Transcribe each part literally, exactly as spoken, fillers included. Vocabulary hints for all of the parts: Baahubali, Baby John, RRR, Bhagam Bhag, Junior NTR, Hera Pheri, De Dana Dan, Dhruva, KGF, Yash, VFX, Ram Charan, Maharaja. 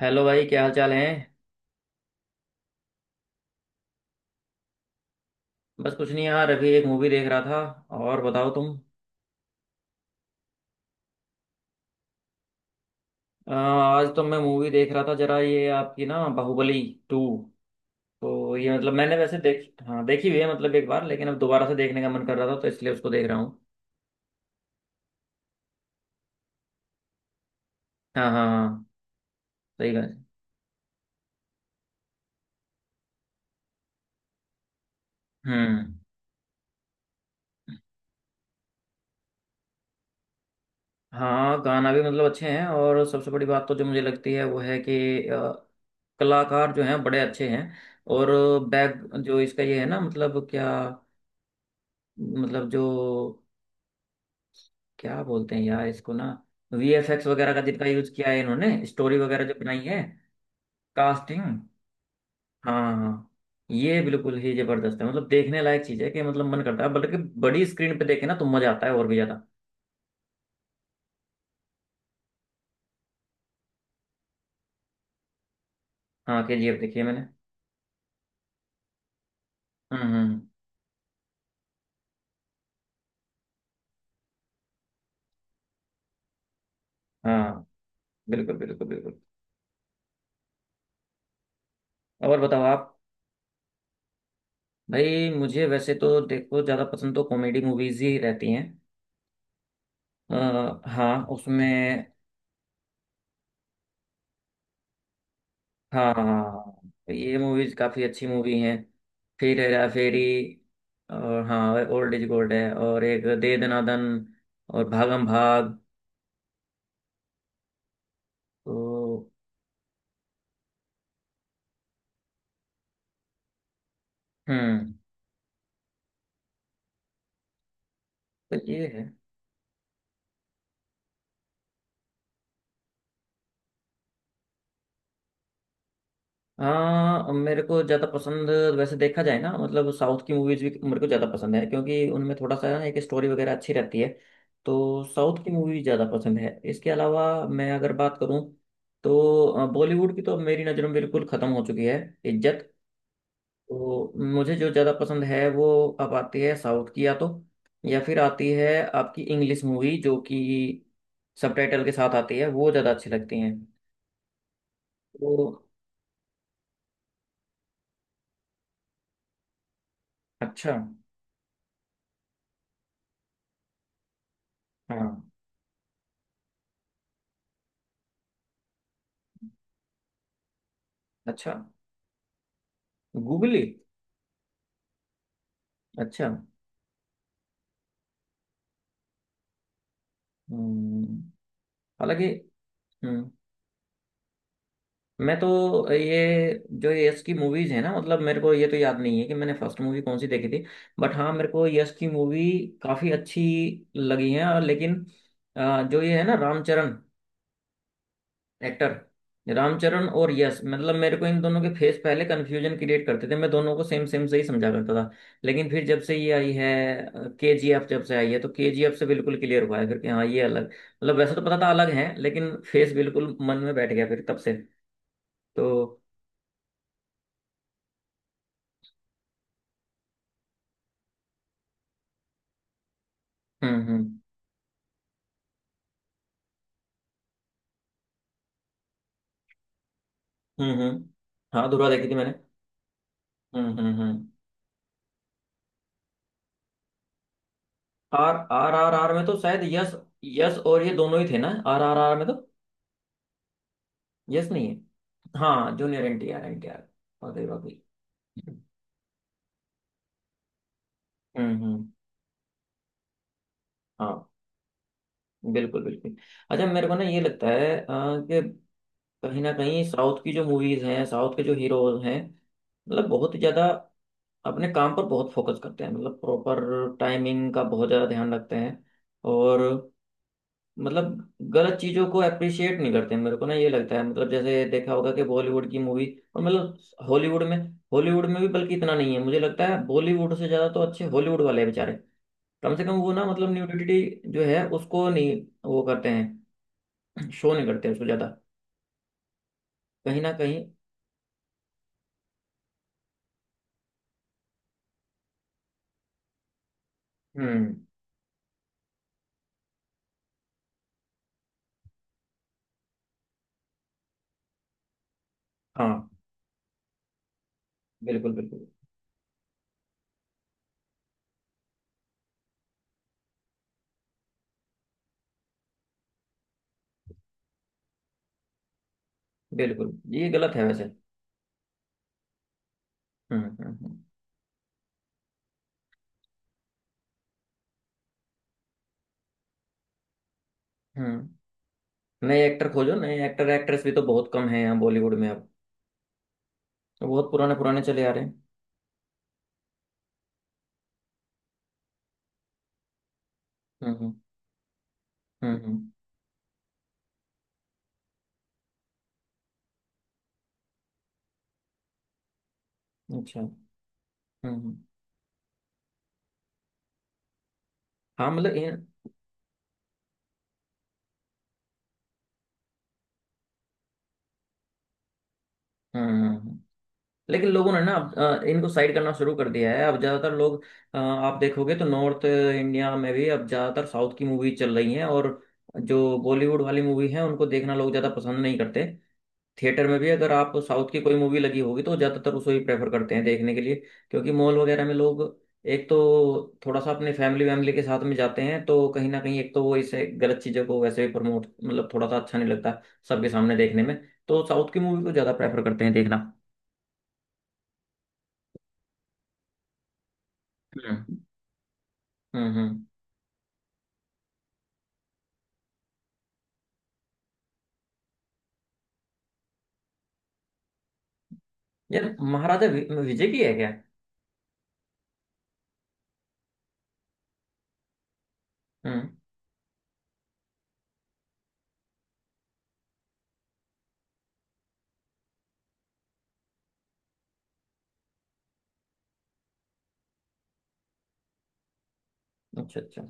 Hello भाई, क्या हाल चाल है। बस कुछ नहीं यार, अभी एक मूवी देख रहा था। और बताओ तुम। अ, आज तो मैं मूवी देख रहा था, जरा ये आपकी ना बाहुबली टू। तो ये मतलब मैंने वैसे देख हाँ देखी हुई है मतलब एक बार, लेकिन अब दोबारा से देखने का मन कर रहा था तो इसलिए उसको देख रहा हूँ। हाँ, हाँ, हाँ। सही बात है। हम्म। हाँ, गाना भी मतलब अच्छे हैं, और सबसे बड़ी बात तो जो मुझे लगती है वो है कि अ, कलाकार जो हैं बड़े अच्छे हैं। और बैक जो इसका ये है ना, मतलब क्या, मतलब जो, क्या बोलते हैं यार इसको ना, वी एफ एक्स वगैरह का जितना यूज किया है इन्होंने, स्टोरी वगैरह जो बनाई है। कास्टिंग। हाँ, हाँ, हाँ। ये बिल्कुल ही जबरदस्त है, मतलब देखने लायक चीज है कि, मतलब मन करता है, बल्कि बड़ी स्क्रीन पे देखे ना तो मजा आता है और भी ज्यादा। हाँ, के जी एफ देखी है मैंने। हम्म, हम्म, हम्म। हाँ, बिल्कुल बिल्कुल बिल्कुल। और बताओ आप। भाई मुझे वैसे तो देखो ज्यादा पसंद तो कॉमेडी मूवीज ही रहती हैं। आ, हाँ उसमें। हाँ, हाँ, हाँ। तो ये मूवीज काफी अच्छी मूवी हैं। फिर हेरा फेरी। और हाँ, ओल्ड इज गोल्ड है, और एक दे दना दन और भागम भाग। तो हम्म। तो ये है। हाँ मेरे को ज़्यादा पसंद, वैसे देखा जाए ना, मतलब साउथ की मूवीज भी मेरे को ज़्यादा पसंद है क्योंकि उनमें थोड़ा सा ना एक स्टोरी वगैरह अच्छी रहती है। तो साउथ की मूवी ज़्यादा पसंद है, इसके अलावा मैं अगर बात करूँ तो बॉलीवुड की तो अब मेरी नज़र में बिल्कुल ख़त्म हो चुकी है इज्जत। तो मुझे जो ज़्यादा पसंद है वो अब आती है साउथ की, या तो, या फिर आती है आपकी इंग्लिश मूवी जो कि सबटाइटल के साथ आती है, वो ज़्यादा अच्छी लगती हैं। तो अच्छा। हाँ। अच्छा। गूगली। अच्छा। हम्म। हालांकि। हम्म। मैं तो, ये, जो ये यश की मूवीज़ है ना, मतलब मेरे को ये तो याद नहीं है कि मैंने फर्स्ट मूवी कौन सी देखी थी, बट हाँ मेरे को यश की मूवी काफ़ी अच्छी लगी है। और लेकिन अ, जो ये है ना रामचरण, एक्टर रामचरण और यश, मतलब मेरे को इन दोनों के फेस पहले कंफ्यूजन क्रिएट करते थे, मैं दोनों को सेम सेम से ही समझा करता था। लेकिन फिर जब से ये आई है केजीएफ, जब से आई है तो केजीएफ से बिल्कुल क्लियर हुआ है फिर कि हाँ ये अलग, मतलब वैसे तो पता था अलग है, लेकिन फेस बिल्कुल मन में बैठ गया फिर तब से। तो हम्म, हम्म, हम्म, हम्म। हाँ धुरा देखी थी मैंने। हम्म, हम्म, हम्म। आर आर आर, आर में तो शायद यश, यश और ये दोनों ही थे ना आर आर आर में। तो यश नहीं है। हाँ, junior N T R, N T R. और हम्म, हम्म। हाँ, बिल्कुल बिल्कुल। अच्छा, मेरे को ना ये लगता है अ, कि कहीं ना कहीं साउथ की जो मूवीज हैं, साउथ के जो हीरोज हैं, मतलब बहुत ही ज्यादा अपने काम पर बहुत फोकस करते हैं, मतलब प्रॉपर टाइमिंग का बहुत ज्यादा ध्यान रखते हैं। और मतलब गलत चीजों को अप्रिशिएट नहीं करते हैं। मेरे को ना ये लगता है, मतलब जैसे देखा होगा कि बॉलीवुड की मूवी और मतलब हॉलीवुड में, हॉलीवुड में भी बल्कि इतना नहीं है, मुझे लगता है बॉलीवुड से ज्यादा तो अच्छे हॉलीवुड वाले हैं बेचारे। कम से कम वो ना, मतलब न्यूडिटी जो है उसको नहीं वो करते हैं, शो नहीं करते उसको ज्यादा। कहीं ना कहीं। हम्म। हाँ, बिल्कुल बिल्कुल बिल्कुल, ये गलत है वैसे। हम्म, हम्म, हम्म, हम्म। नए एक्टर खोजो, नए एक्टर एक्ट्रेस भी तो बहुत कम है यहाँ बॉलीवुड में अब, तो बहुत पुराने पुराने चले आ रहे हैं। हम्म, हम्म, हम्म, हम्म, अच्छा, हम्म, हम्म। हाँ मतलब इन। हम्म, हम्म, हम्म, हम्म। लेकिन लोगों ने ना अब अ, इनको साइड करना शुरू कर दिया है, अब ज्यादातर लोग अ, आप देखोगे तो नॉर्थ इंडिया में भी अब ज्यादातर साउथ की मूवी चल रही है। और जो बॉलीवुड वाली मूवी है उनको देखना लोग ज्यादा पसंद नहीं करते। थिएटर में भी अगर आप साउथ की कोई मूवी लगी होगी तो ज़्यादातर उसको ही प्रेफर करते हैं देखने के लिए, क्योंकि मॉल वगैरह में लोग, एक तो थोड़ा सा अपने फैमिली वैमिली के साथ में जाते हैं, तो कहीं ना कहीं एक तो वो इसे, गलत चीज़ों को वैसे भी प्रमोट, मतलब थोड़ा सा अच्छा नहीं लगता सबके सामने देखने में। तो साउथ की मूवी को ज़्यादा प्रेफर करते हैं देखना। हम्म, हम्म, हम्म। यार महाराजा वि- विजय की है क्या? हम्म। अच्छा, अच्छा।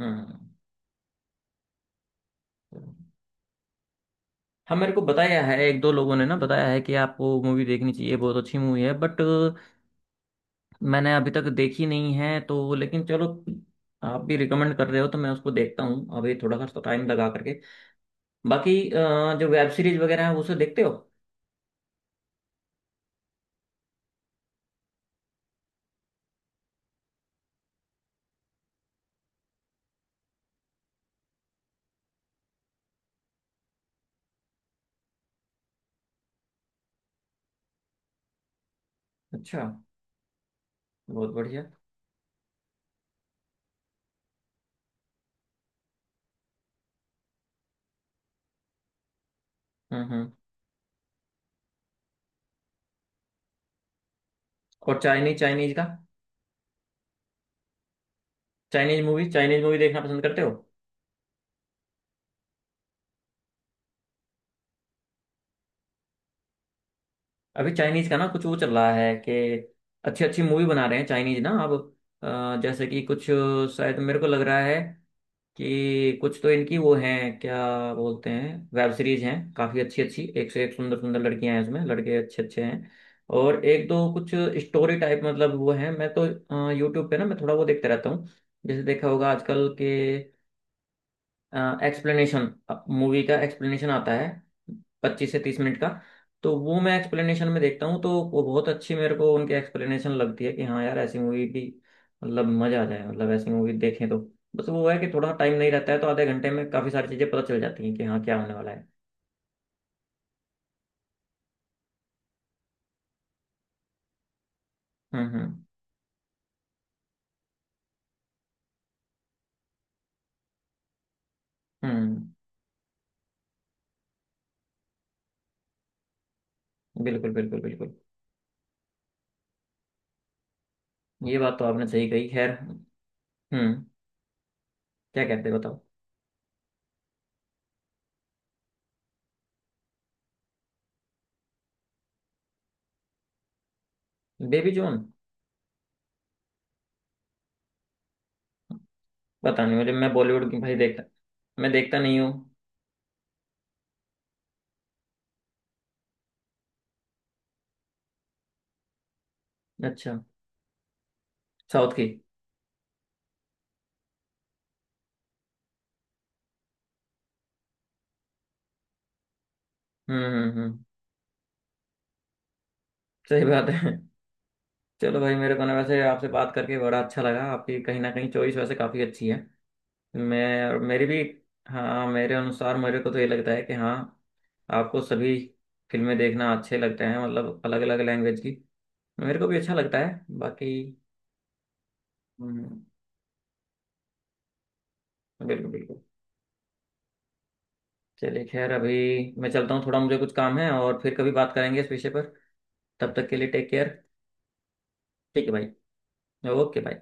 हम्म, हम्म। हाँ मेरे को बताया है, एक दो लोगों ने ना बताया है कि आपको मूवी देखनी चाहिए बहुत अच्छी मूवी है, बट मैंने अभी तक देखी नहीं है। तो लेकिन चलो, आप भी रिकमेंड कर रहे हो तो मैं उसको देखता हूँ अभी थोड़ा सा टाइम लगा करके। बाकी अ, जो वेब सीरीज वगैरह है उसे देखते हो? अच्छा। बहुत बढ़िया। हम्म, हम्म। और चाइनीज, चाइनीज का, चाइनीज मूवी, चाइनीज मूवी देखना पसंद करते हो? अभी चाइनीज का ना कुछ वो चल रहा है कि अच्छी अच्छी मूवी बना रहे हैं चाइनीज ना अब, अ, जैसे कि कुछ, शायद मेरे को लग रहा है कि कुछ तो इनकी वो हैं, क्या बोलते हैं, वेब सीरीज हैं काफ़ी अच्छी अच्छी, एक से एक सुंदर सुंदर लड़कियां हैं इसमें, लड़के अच्छे अच्छे हैं। और एक दो कुछ स्टोरी टाइप, मतलब वो हैं, मैं तो यूट्यूब पे ना मैं थोड़ा वो देखता रहता हूँ। जैसे देखा होगा आजकल के एक्सप्लेनेशन, मूवी का एक्सप्लेनेशन आता है, पच्चीस से तीस मिनट का, तो वो मैं एक्सप्लेनेशन में देखता हूँ, तो वो बहुत अच्छी मेरे को उनकी एक्सप्लेनेशन लगती है कि हाँ यार, ऐसी मूवी भी, मतलब मजा आ जाए मतलब ऐसी मूवी देखें तो। बस वो है कि थोड़ा टाइम नहीं रहता है, तो आधे घंटे में काफी सारी चीजें पता चल जाती हैं कि हाँ क्या होने वाला है। हम्म, हम्म, हम्म, बिल्कुल बिल्कुल बिल्कुल। ये बात तो आपने सही कही, खैर। हम्म। क्या कहते हैं बताओ। Baby John? पता नहीं मुझे, मैं बॉलीवुड की भाई देखता, मैं देखता नहीं हूँ। अच्छा। साउथ की। हम्म, हम्म, हम्म, सही बात है। चलो भाई, मेरे को ना वैसे आपसे बात करके बड़ा अच्छा लगा, आपकी कहीं ना कहीं चॉइस वैसे काफ़ी अच्छी है, मैं और मेरी भी, हाँ मेरे अनुसार मेरे को तो ये लगता है कि हाँ आपको सभी फिल्में देखना अच्छे लगते हैं, मतलब अलग अलग लैंग्वेज की। मेरे को भी अच्छा लगता है बाकी। हम्म, बिल्कुल बिल्कुल। चलिए खैर, अभी मैं चलता हूँ थोड़ा, मुझे कुछ काम है, और फिर कभी बात करेंगे इस विषय पर। तब तक के लिए टेक केयर। ठीक है भाई। ओके भाई।